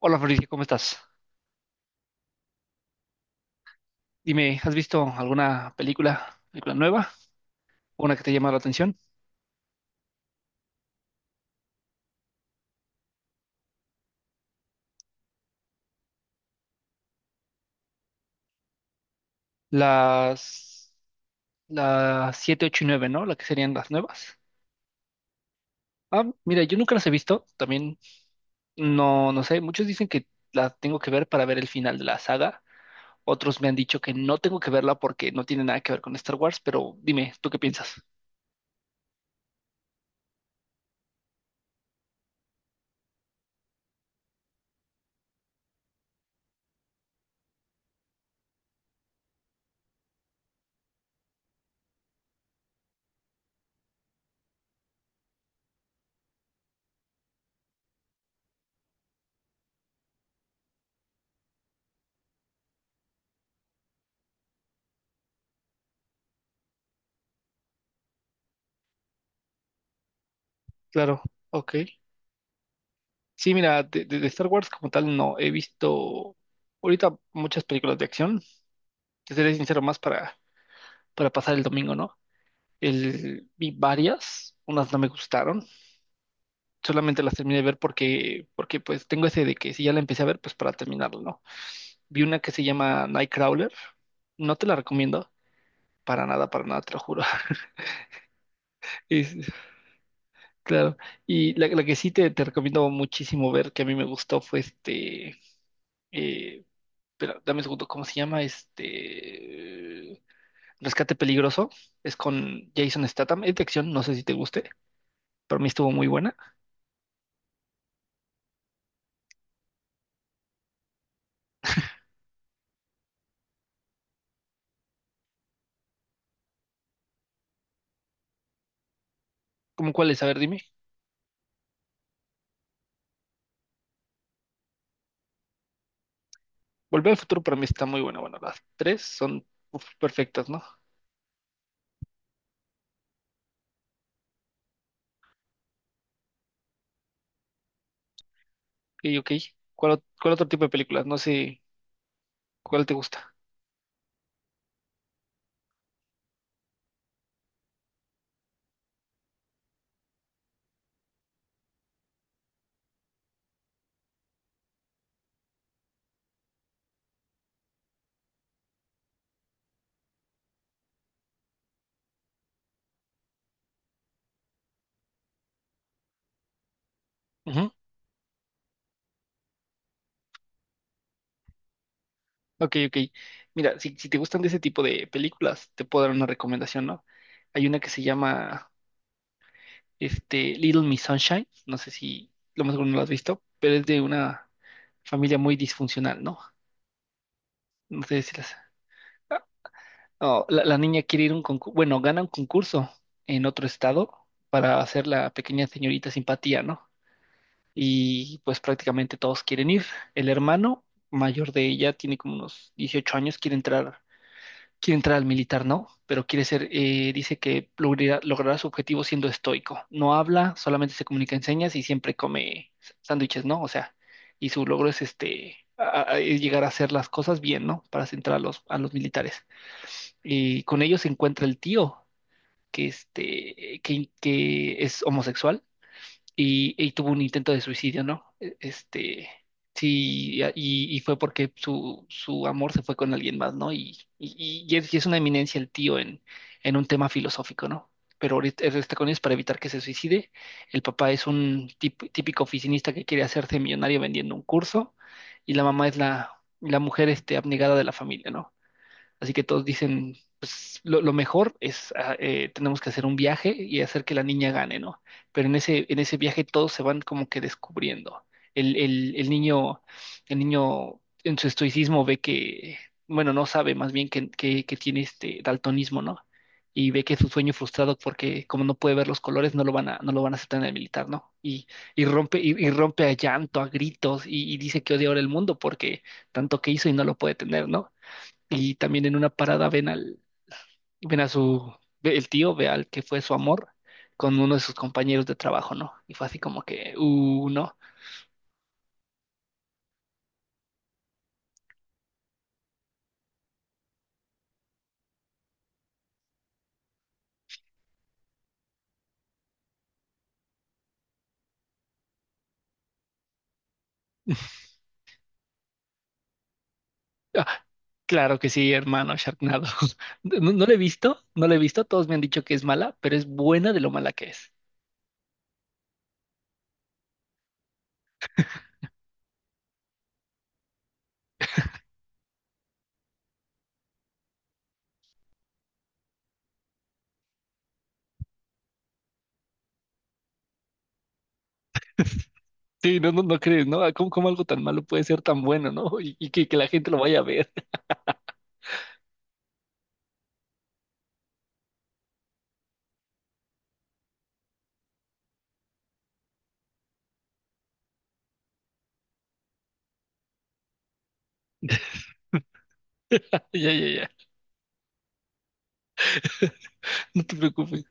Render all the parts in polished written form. Hola Fabricio, ¿cómo estás? Dime, ¿has visto alguna película, nueva? ¿Una que te llama la atención? Las, las 7, 8, y 9, ¿no? La que serían las nuevas. Ah, mira, yo nunca las he visto, también no sé, muchos dicen que la tengo que ver para ver el final de la saga, otros me han dicho que no tengo que verla porque no tiene nada que ver con Star Wars, pero dime, ¿tú qué piensas? Claro, ok. Sí, mira, de Star Wars como tal no he visto ahorita muchas películas de acción, te seré sincero, más para pasar el domingo, ¿no? El, vi varias, unas no me gustaron, solamente las terminé de ver porque pues tengo ese de que si ya la empecé a ver, pues para terminarlo, ¿no? Vi una que se llama Nightcrawler, no te la recomiendo, para nada, te lo juro. Es- claro, y la que sí te recomiendo muchísimo ver, que a mí me gustó, fue eh, espera, dame un segundo, ¿cómo se llama? Este, Rescate Peligroso, es con Jason Statham, es de acción, no sé si te guste, pero a mí estuvo muy buena. ¿Cómo cuáles? A ver, dime. Volver al futuro para mí está muy buena. Bueno, las tres son uf, perfectas, ¿no? Ok, ok. ¿ Cuál otro tipo de películas? No sé cuál te gusta. Ujú. Ok, ok. Mira, si te gustan de ese tipo de películas, te puedo dar una recomendación, ¿no? Hay una que se llama Little Miss Sunshine. No sé si lo más seguro no la has visto, pero es de una familia muy disfuncional, ¿no? No sé si las... No, la niña quiere ir a un concurso, bueno, gana un concurso en otro estado para hacer la pequeña señorita simpatía, ¿no? Y pues prácticamente todos quieren ir. El hermano mayor de ella tiene como unos 18 años, quiere entrar al militar, ¿no? Pero quiere ser, dice que logrará su objetivo siendo estoico. No habla, solamente se comunica en señas y siempre come sándwiches, ¿no? O sea, y su logro es es llegar a hacer las cosas bien, ¿no? Para entrar a los militares y con ellos se encuentra el tío que es homosexual y tuvo un intento de suicidio, ¿no? Sí, y fue porque su amor se fue con alguien más, ¿no? Es, y es una eminencia el tío en un tema filosófico, ¿no? Pero ahorita él está con ellos para evitar que se suicide. El papá es un típico oficinista que quiere hacerse millonario vendiendo un curso y la mamá es la mujer abnegada de la familia, ¿no? Así que todos dicen, pues lo mejor es, tenemos que hacer un viaje y hacer que la niña gane, ¿no? Pero en ese viaje todos se van como que descubriendo. El niño, el niño en su estoicismo ve que, bueno, no sabe más bien que tiene este daltonismo, ¿no? Y ve que es su sueño frustrado porque como no puede ver los colores, no lo van a aceptar en el militar, ¿no? Y, y rompe a llanto, a gritos, y dice que odia ahora el mundo porque tanto que hizo y no lo puede tener, ¿no? Y también en una parada ven al, ven a su, ve- el tío ve al que fue su amor con uno de sus compañeros de trabajo, ¿no? Y fue así como que, no. Ah, claro que sí, hermano, Sharknado. No, no la he visto, no la he visto, todos me han dicho que es mala, pero es buena de lo mala que es. Sí, no, no, no crees, ¿no? Ah, ¿cómo, cómo algo tan malo puede ser tan bueno, ¿no? Y, que la gente lo vaya a ver. Ya, ya, ya. No te preocupes.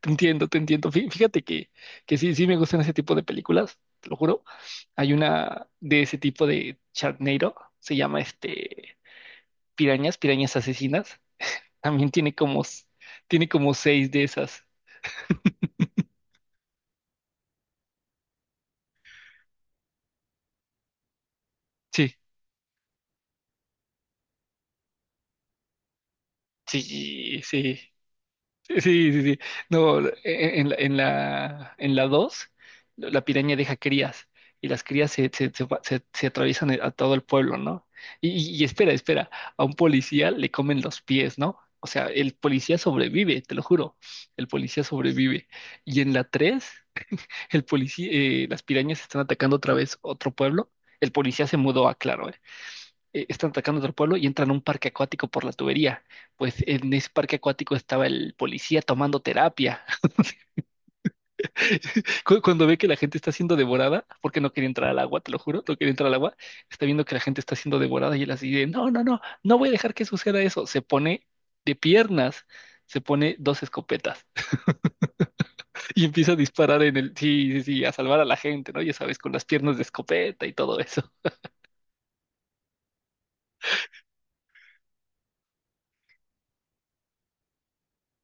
Te entiendo, te entiendo. Fíjate que sí, sí me gustan ese tipo de películas, te lo juro. Hay una de ese tipo de Sharknado, se llama Pirañas, Pirañas Asesinas. También tiene como, tiene como 6 de esas. Sí, sí, sí. Sí, sí, sí, sí. No, en la 2, la piraña deja crías y las crías se atraviesan a todo el pueblo, ¿no? Espera, espera, a un policía le comen los pies, ¿no? O sea, el policía sobrevive, te lo juro, el policía sobrevive. Y en la 3, el policía, las pirañas están atacando otra vez otro pueblo. El policía se mudó a Claro, ¿eh? Eh, están atacando otro pueblo y entran a un parque acuático por la tubería. Pues en ese parque acuático estaba el policía tomando terapia. Cuando ve que la gente está siendo devorada, porque no quería entrar al agua, te lo juro, no quería entrar al agua, está viendo que la gente está siendo devorada y él así de, no, no, no, no voy a dejar que suceda eso. Se pone de piernas, se pone dos escopetas y empieza a disparar en el, sí, sí, sí, a salvar a la gente, ¿no? Ya sabes, con las piernas de escopeta y todo eso.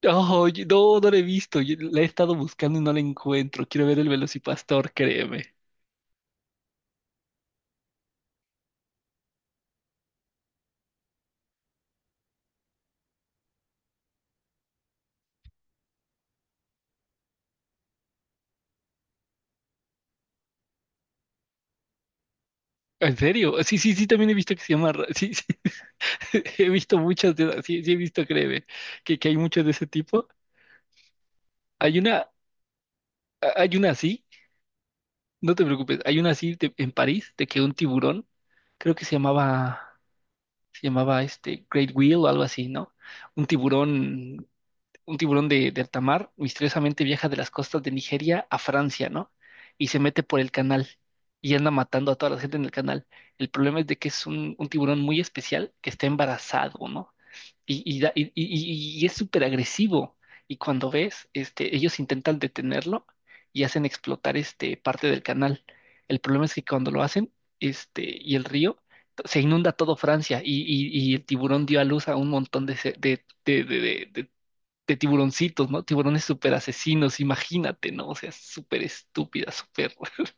Oh, no, no la he visto. Yo la he estado buscando y no la encuentro. Quiero ver el Velocipastor, créeme. ¿En serio? Sí, sí, sí, también he visto que se llama. Sí, sí, he visto muchas de esas. Sí, sí, he visto, créeme, que hay muchas de ese tipo. Hay una, hay una así, no te preocupes, hay una así en París, de que un tiburón, creo que se llamaba Great Wheel o algo así, ¿no? Un tiburón de alta mar misteriosamente viaja de las costas de Nigeria a Francia, ¿no? Y se mete por el canal y anda matando a toda la gente en el canal. El problema es de que es un tiburón muy especial que está embarazado, ¿no? Y es súper agresivo. Y cuando ves, ellos intentan detenerlo y hacen explotar parte del canal. El problema es que cuando lo hacen, y el río, se inunda todo Francia y, y el tiburón dio a luz a un montón de, tiburoncitos, ¿no? Tiburones súper asesinos, imagínate, ¿no? O sea, súper estúpida, súper...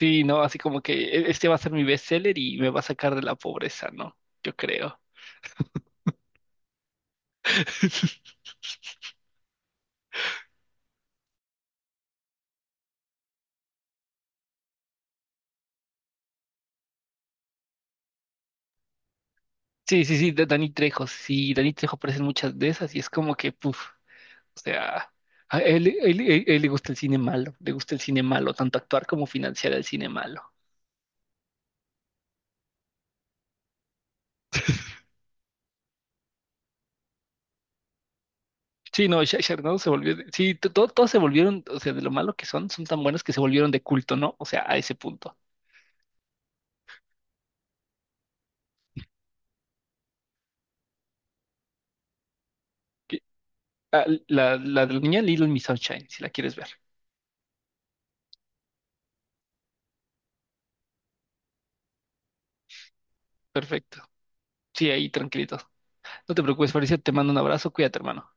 Sí, ¿no? Así como que este va a ser mi bestseller y me va a sacar de la pobreza, ¿no? Yo creo. Sí, sí, sí, Dani Trejo, sí, Dani Trejo aparece en muchas de esas y es como que, puf, o sea, a él, él le gusta el cine malo, le gusta el cine malo, tanto actuar como financiar el cine malo. Sí, no, Sharknado se volvió, sí, todos se volvieron, o sea, de lo malo que son, son tan buenos que se volvieron de culto, ¿no? O sea, a ese punto. Ah, la de la niña Little Miss Sunshine, si la quieres ver. Perfecto. Sí, ahí tranquilito. No te preocupes, Fabricio, te mando un abrazo. Cuídate, hermano.